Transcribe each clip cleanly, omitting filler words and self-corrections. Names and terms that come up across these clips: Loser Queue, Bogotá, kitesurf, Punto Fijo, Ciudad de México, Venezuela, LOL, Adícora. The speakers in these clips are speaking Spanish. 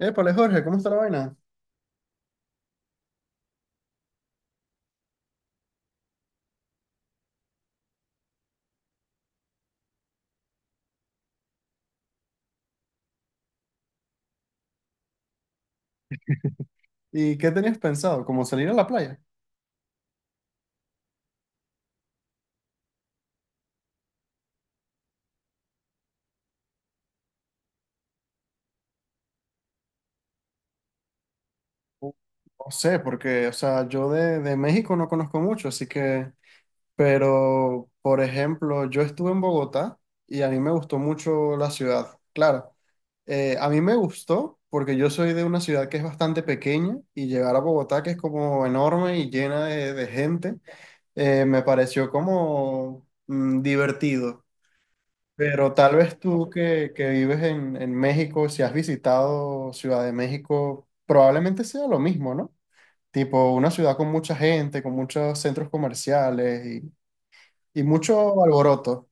Épale, Jorge, ¿cómo está la vaina? ¿Y qué tenías pensado, como salir a la playa? No sé, porque, o sea, yo de México no conozco mucho, así que, pero, por ejemplo, yo estuve en Bogotá y a mí me gustó mucho la ciudad. Claro, a mí me gustó porque yo soy de una ciudad que es bastante pequeña y llegar a Bogotá, que es como enorme y llena de gente, me pareció como divertido. Pero tal vez tú que vives en México, si has visitado Ciudad de México, probablemente sea lo mismo, ¿no? Tipo una ciudad con mucha gente, con muchos centros comerciales y mucho alboroto.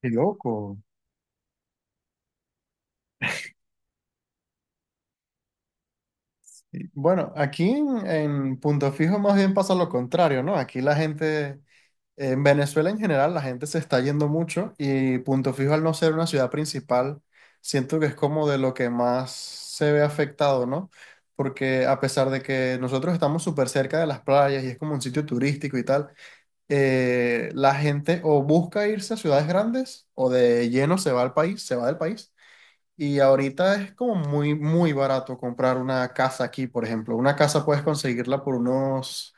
Qué loco. Bueno, aquí en Punto Fijo más bien pasa lo contrario, ¿no? Aquí la gente, en Venezuela en general la gente se está yendo mucho y Punto Fijo, al no ser una ciudad principal, siento que es como de lo que más se ve afectado, ¿no? Porque a pesar de que nosotros estamos súper cerca de las playas y es como un sitio turístico y tal, la gente o busca irse a ciudades grandes o de lleno se va al país, se va del país. Y ahorita es como muy, muy barato comprar una casa aquí, por ejemplo. Una casa puedes conseguirla por unos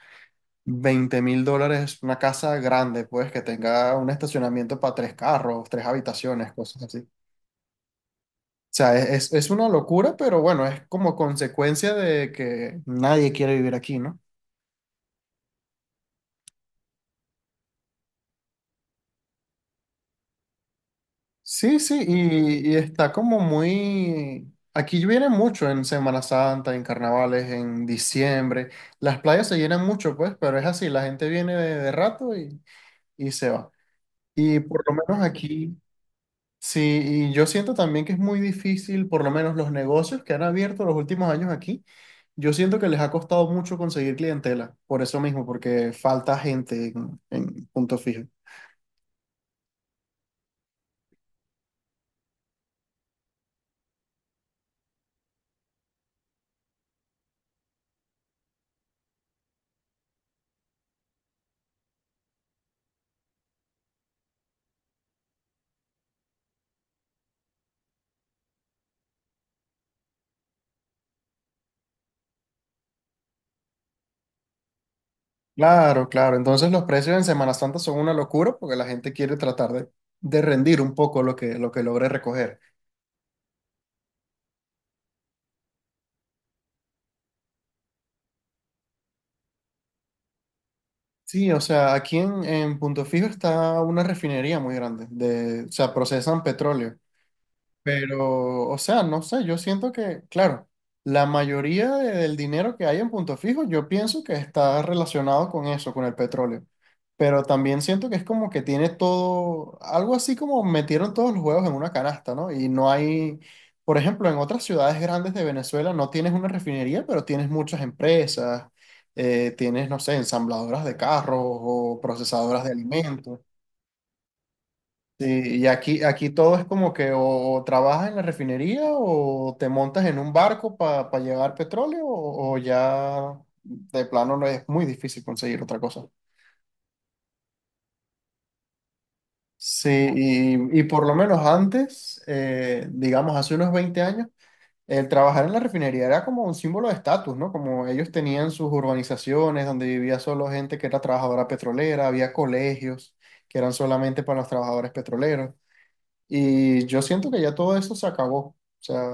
$20.000, una casa grande, pues, que tenga un estacionamiento para 3 carros, 3 habitaciones, cosas así. O sea, es una locura, pero bueno, es como consecuencia de que nadie quiere vivir aquí, ¿no? Sí, sí, y está como muy... Aquí viene mucho en Semana Santa, en carnavales, en diciembre. Las playas se llenan mucho, pues, pero es así, la gente viene de rato y se va. Y por lo menos aquí... Sí, y yo siento también que es muy difícil, por lo menos los negocios que han abierto los últimos años aquí, yo siento que les ha costado mucho conseguir clientela, por eso mismo, porque falta gente en Punto Fijo. Claro, claro, entonces los precios en Semana Santa son una locura porque la gente quiere tratar de rendir un poco lo que logre recoger. Sí, o sea, aquí en Punto Fijo está una refinería muy grande, de, o sea, procesan petróleo. Pero, o sea, no sé, yo siento que, claro, la mayoría de- del dinero que hay en Punto Fijo, yo pienso que está relacionado con eso, con el petróleo. Pero también siento que es como que tiene todo, algo así como metieron todos los huevos en una canasta, ¿no? Y no hay, por ejemplo, en otras ciudades grandes de Venezuela no tienes una refinería, pero tienes muchas empresas, tienes, no sé, ensambladoras de carros o procesadoras de alimentos. Sí, y aquí, aquí todo es como que o trabajas en la refinería o te montas en un barco para llevar petróleo o ya de plano no es muy difícil conseguir otra cosa. Sí, y por lo menos antes, digamos hace unos 20 años, el trabajar en la refinería era como un símbolo de estatus, ¿no? Como ellos tenían sus urbanizaciones donde vivía solo gente que era trabajadora petrolera, había colegios que eran solamente para los trabajadores petroleros. Y yo siento que ya todo eso se acabó. O sea,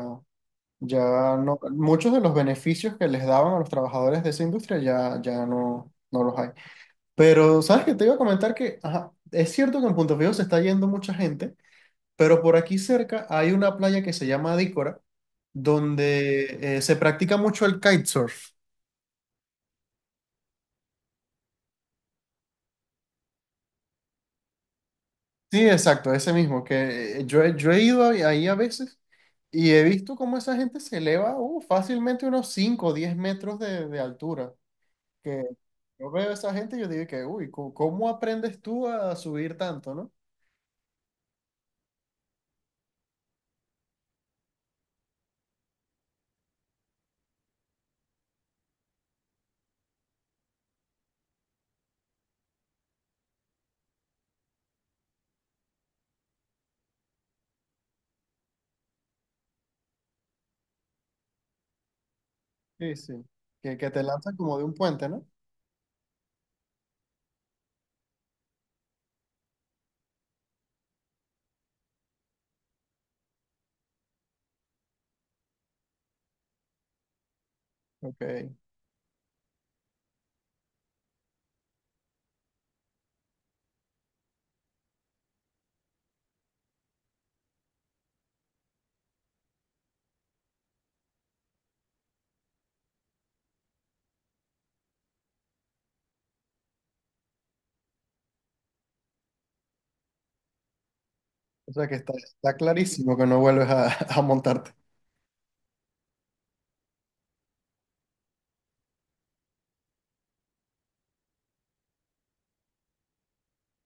ya no, muchos de los beneficios que les daban a los trabajadores de esa industria ya, ya no, no los hay. Pero, ¿sabes qué? Te iba a comentar que, ajá, es cierto que en Punto Fijo se está yendo mucha gente, pero por aquí cerca hay una playa que se llama Adícora, donde se practica mucho el kitesurf. Sí, exacto, ese mismo, que yo he ido ahí a veces y he visto cómo esa gente se eleva fácilmente unos 5 o 10 metros de altura. Que yo veo a esa gente y yo digo que, uy, co- ¿cómo aprendes tú a subir tanto, no? Sí, sí. ¿Que, que te lanzan como de un puente, no? Ok. O sea que está, está clarísimo que no vuelves a, a montarte.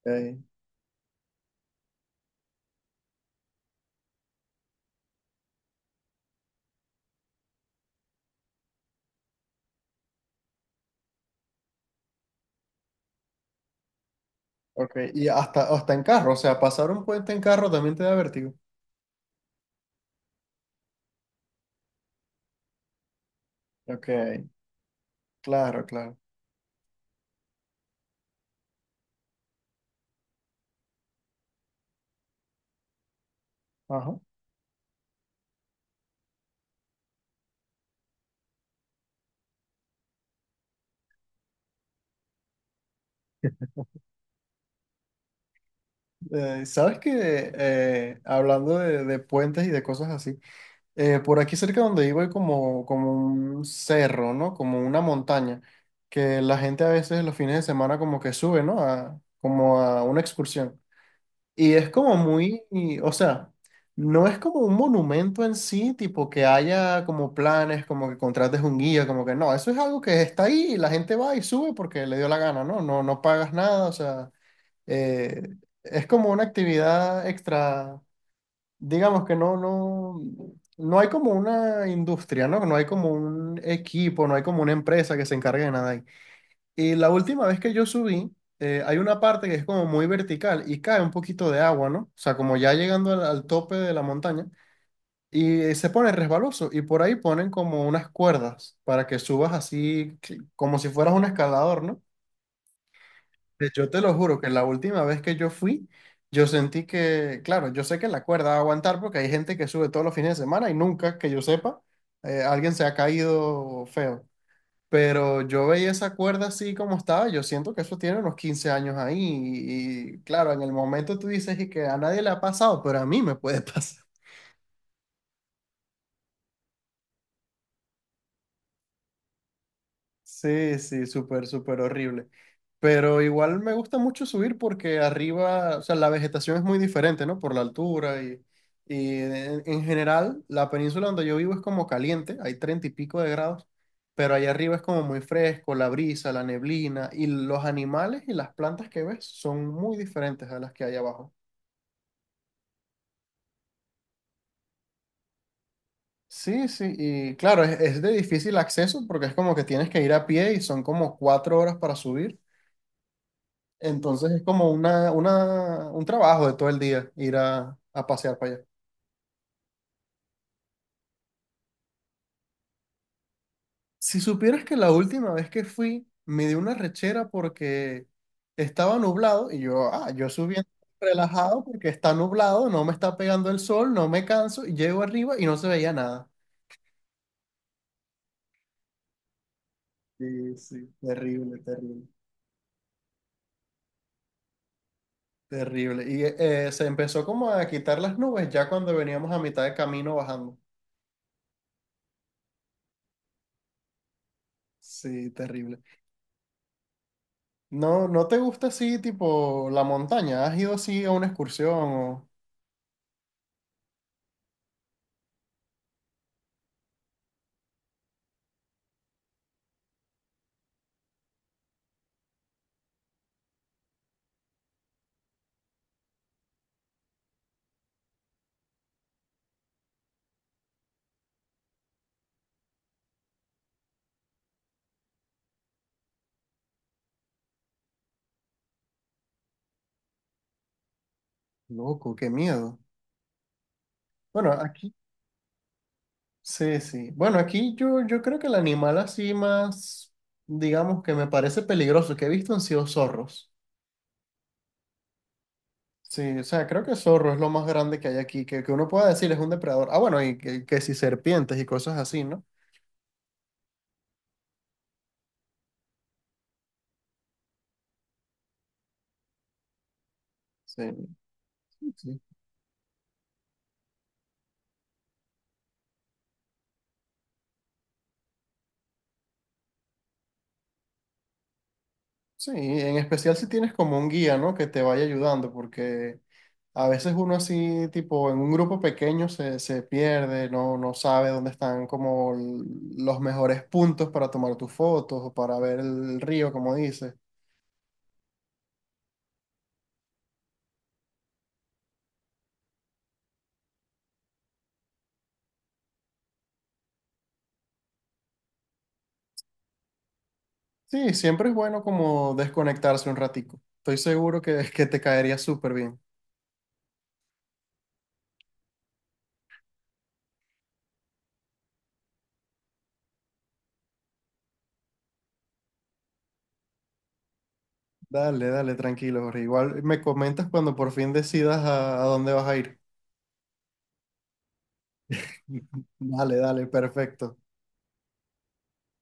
Ok. Ok. Y hasta, hasta en carro, o sea, pasar un puente en carro también te da vértigo. Ok. Claro, claro. Ajá. ¿Sabes que hablando de puentes y de cosas así, por aquí cerca donde vivo hay como, como un cerro, ¿no? Como una montaña, que la gente a veces los fines de semana como que sube, ¿no? A, como a una excursión. Y es como muy, y, o sea, no es como un monumento en sí, tipo que haya como planes, como que contrates un guía, como que no, eso es algo que está ahí y la gente va y sube porque le dio la gana, ¿no? No, no pagas nada, o sea, eh, es como una actividad extra, digamos que no, no, no hay como una industria, ¿no? No hay como un equipo, no hay como una empresa que se encargue de nada ahí. Y la última vez que yo subí, hay una parte que es como muy vertical y cae un poquito de agua, ¿no? O sea, como ya llegando al tope de la montaña y se pone resbaloso y por ahí ponen como unas cuerdas para que subas así que- como si fueras un escalador, ¿no? Pues, yo te lo juro que la última vez que yo fui, yo sentí que, claro, yo sé que la cuerda va a aguantar porque hay gente que sube todos los fines de semana y nunca, que yo sepa, alguien se ha caído feo. Pero yo veía esa cuerda así como estaba, yo siento que eso tiene unos 15 años ahí y, claro, en el momento tú dices y que a nadie le ha pasado, pero a mí me puede pasar. Sí, sí, súper, súper horrible. Pero igual me gusta mucho subir porque arriba, o sea, la vegetación es muy diferente, ¿no? Por la altura y en general la península donde yo vivo es como caliente, hay 30 y pico de grados, pero allá arriba es como muy fresco, la brisa, la neblina y los animales y las plantas que ves son muy diferentes a las que hay abajo. Sí, sí, y claro, es de difícil acceso porque es como que tienes que ir a pie y son como 4 horas para subir. Entonces es como una, un trabajo de todo el día ir a pasear para allá. Si supieras que la última vez que fui me dio una rechera porque estaba nublado y yo, ah, yo subiendo relajado porque está nublado, no me está pegando el sol, no me canso y llego arriba y no se veía nada. Sí, sí, terrible, terrible, terrible. Y se empezó como a quitar las nubes ya cuando veníamos a mitad de camino bajando. Sí, terrible. No, ¿no te gusta así, tipo, la montaña? ¿Has ido así a una excursión? O... Loco, qué miedo. Bueno, aquí, sí, sí. Bueno, aquí yo, yo creo que el animal así más, digamos, que me parece peligroso que he visto han sido zorros. Sí, o sea, creo que zorro es lo más grande que hay aquí, que uno pueda decir es un depredador. Ah, bueno, y que si serpientes y cosas así, ¿no? Sí, sí. Sí. Sí, en especial si tienes como un guía, ¿no? Que te vaya ayudando, porque a veces uno así, tipo, en un grupo pequeño se, se pierde, no, no sabe dónde están como l- los mejores puntos para tomar tus fotos o para ver el río, como dices. Sí, siempre es bueno como desconectarse un ratico. Estoy seguro que te caería súper bien. Dale, dale, tranquilo, Jorge. Igual me comentas cuando por fin decidas a dónde vas a ir. Dale, dale, perfecto.